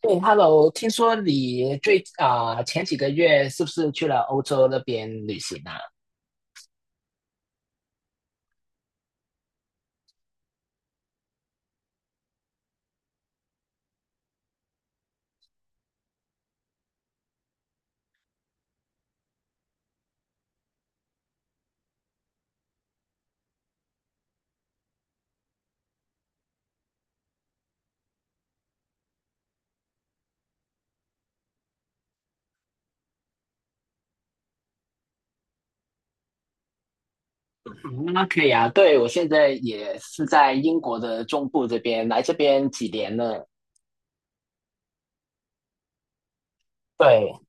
对，Hello，听说你前几个月是不是去了欧洲那边旅行啊？嗯那可以啊，对，我现在也是在英国的中部这边，来这边几年了。对，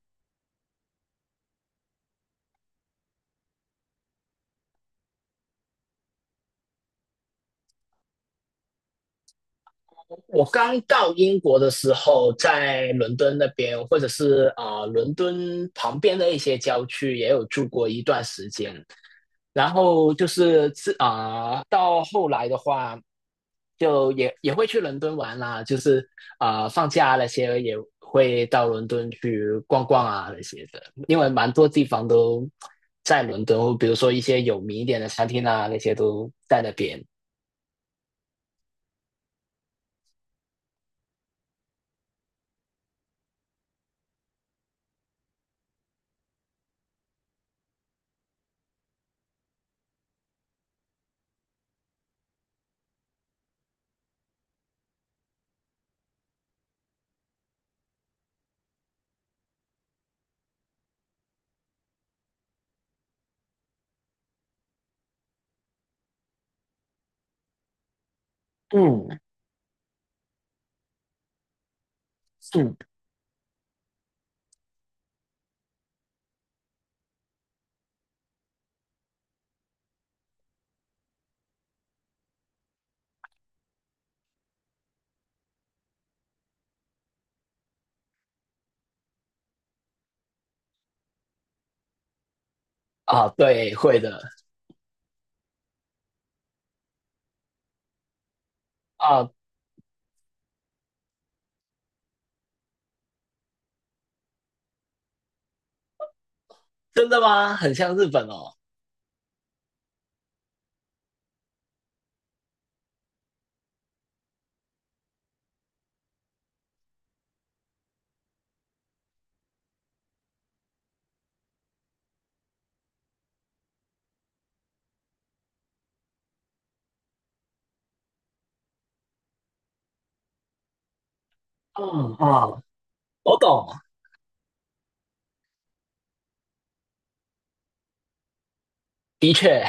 我刚到英国的时候，在伦敦那边，或者是伦敦旁边的一些郊区，也有住过一段时间。然后就是到后来的话，就也会去伦敦玩啦，就是放假那些也会到伦敦去逛逛啊那些的，因为蛮多地方都在伦敦，比如说一些有名一点的餐厅啊，那些都在那边。嗯嗯，啊，对，会的。啊，真的吗？很像日本哦。嗯啊嗯我懂，的确，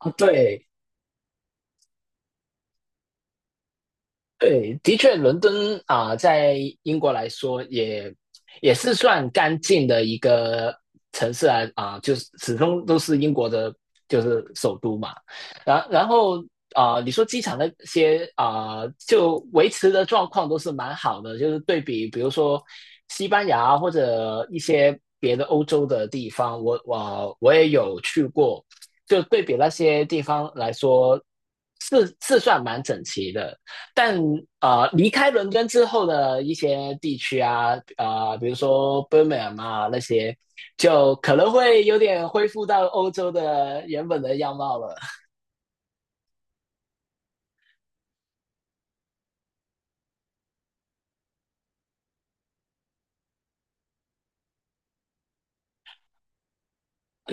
啊，对，对，的确，伦敦在英国来说也是算干净的一个城市啊，就是始终都是英国的，就是首都嘛。然后你说机场那些就维持的状况都是蛮好的，就是对比，比如说西班牙或者一些别的欧洲的地方，我也有去过，就对比那些地方来说，是算蛮整齐的。但离开伦敦之后的一些地区啊，啊，比如说 Birmingham 啊那些，就可能会有点恢复到欧洲的原本的样貌了。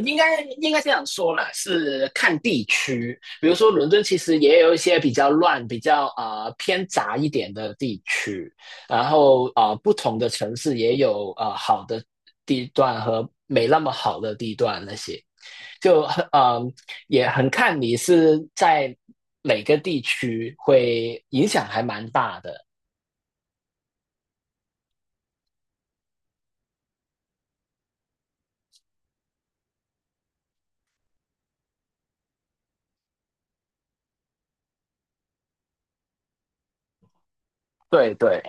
应该这样说啦，是看地区。比如说伦敦其实也有一些比较乱、比较偏杂一点的地区，然后啊，不同的城市也有好的地段和没那么好的地段那些。就很也很看你是在哪个地区，会影响还蛮大的。对对，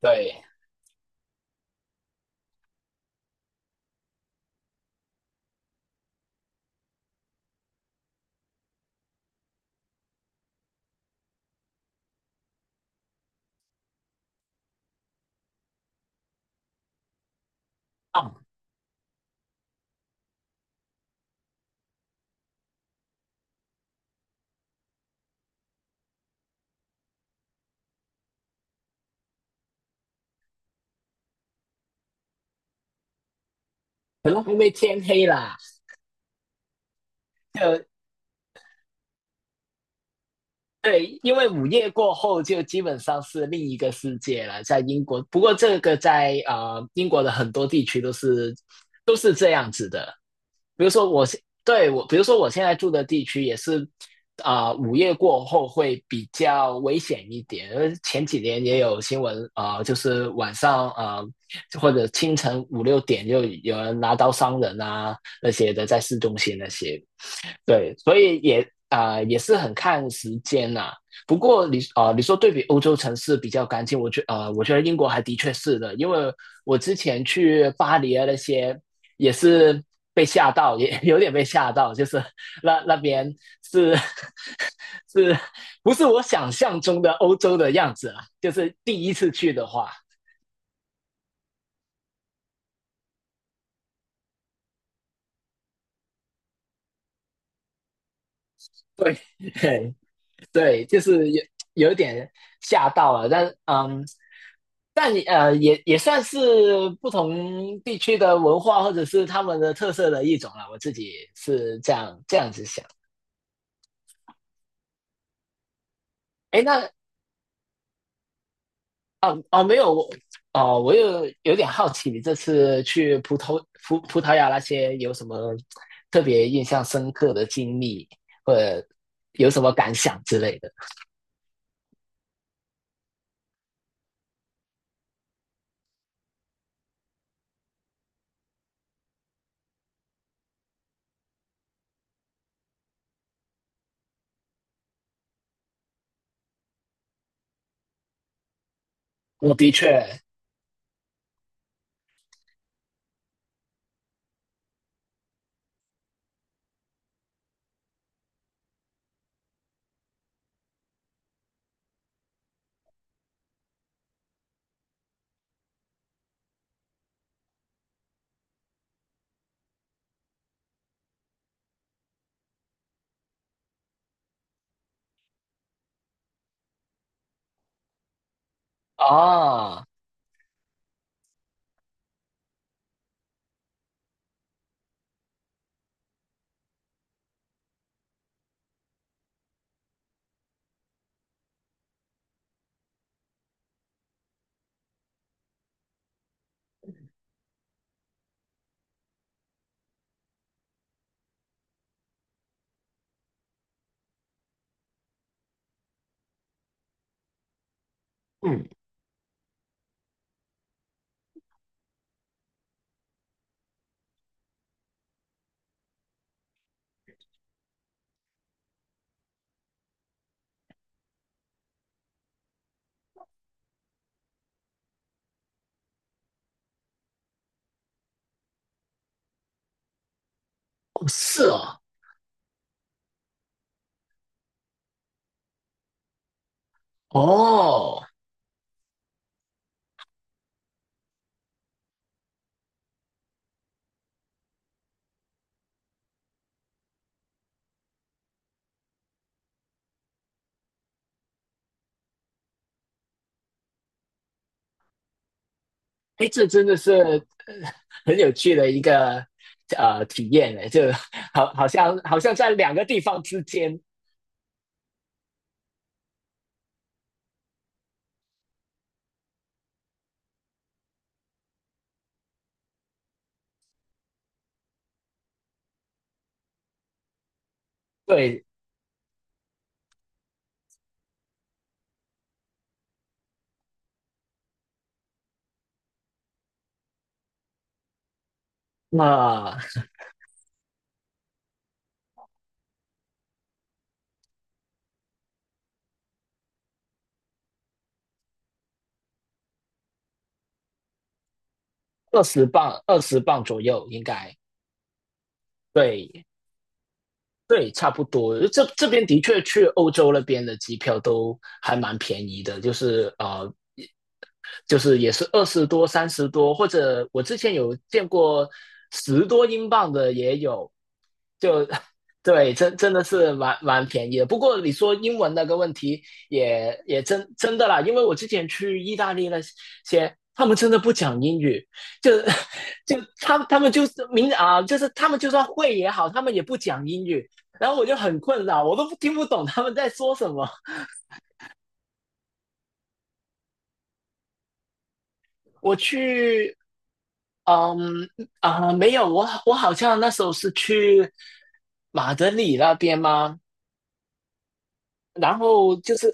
对，啊，可能因为天黑啦，就对，因为午夜过后就基本上是另一个世界了，在英国。不过这个在英国的很多地区都是这样子的。比如说我对，比如说我现在住的地区也是午夜过后会比较危险一点。因为前几年也有新闻就是晚上或者清晨5、6点就有人拿刀伤人啊那些的，在市中心那些。对，所以也也是很看时间呐。不过你说对比欧洲城市比较干净，我觉得英国还的确是的，因为我之前去巴黎啊那些也是被吓到，也 有点被吓到，就是那边是 是不是我想象中的欧洲的样子啊？就是第一次去的话，对，嘿对，就是有一点吓到了，但嗯，但也算是不同地区的文化或者是他们的特色的一种了。我自己是这样子想。哎，那哦，没有，我有点好奇，你这次去葡萄牙那些有什么特别印象深刻的经历，或者有什么感想之类的？我的确哦，嗯，哦是哦，哦。哎，这真的是很有趣的一个体验呢，就好好像好像在两个地方之间，对，那二十磅左右应该，对对，差不多。这边的确去欧洲那边的机票都还蛮便宜的，就是也是20多、30多，或者我之前有见过10多英镑的也有，就 对，真的是蛮便宜的。不过你说英文那个问题也真的啦，因为我之前去意大利那些，他们真的不讲英语，就 就他们就是明啊，就是他们就算会也好，他们也不讲英语。然后我就很困扰，我都听不懂他们在说什么。我去嗯啊，没有，我好像那时候是去马德里那边吗？然后就是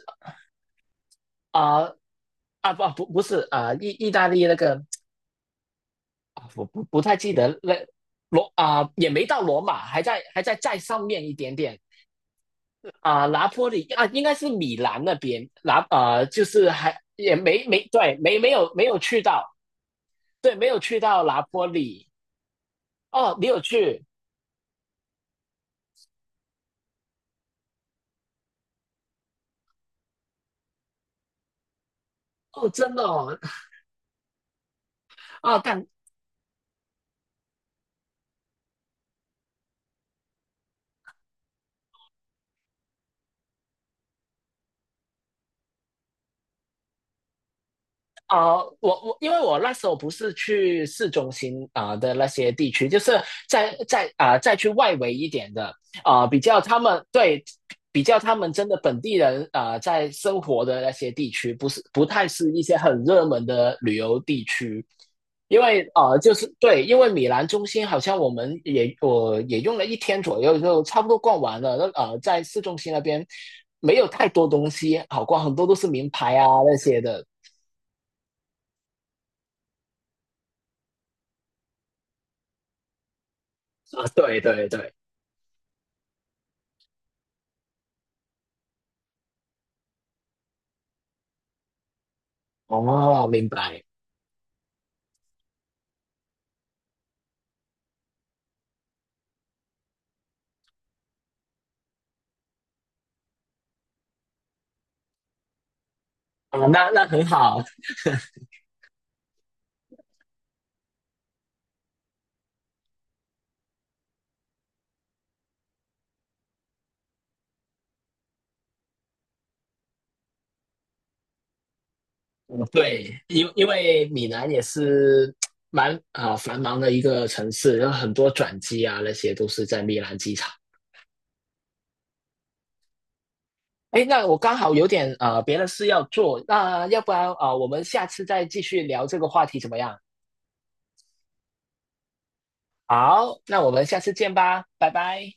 啊不是意大利那个我不太记得那也没到罗马，还在再上面一点点拿坡里啊应该是米兰那边就是还也没对没有去到，对，没有去到拿坡里。哦，你有去。哦，真的哦。啊，但因为我那时候不是去市中心的那些地区，就是在再去外围一点的比较他们对比较他们真的本地人在生活的那些地区，不是不太是一些很热门的旅游地区，因为就是对，因为米兰中心好像我也用了一天左右就差不多逛完了，那在市中心那边没有太多东西好逛，很多都是名牌啊那些的。啊，对对对，哦，明白，啊，那很好，嗯，对，因为米兰也是蛮繁忙的一个城市，有很多转机啊，那些都是在米兰机场。哎，那我刚好有点别的事要做，那要不然我们下次再继续聊这个话题怎么样？好，那我们下次见吧，拜拜。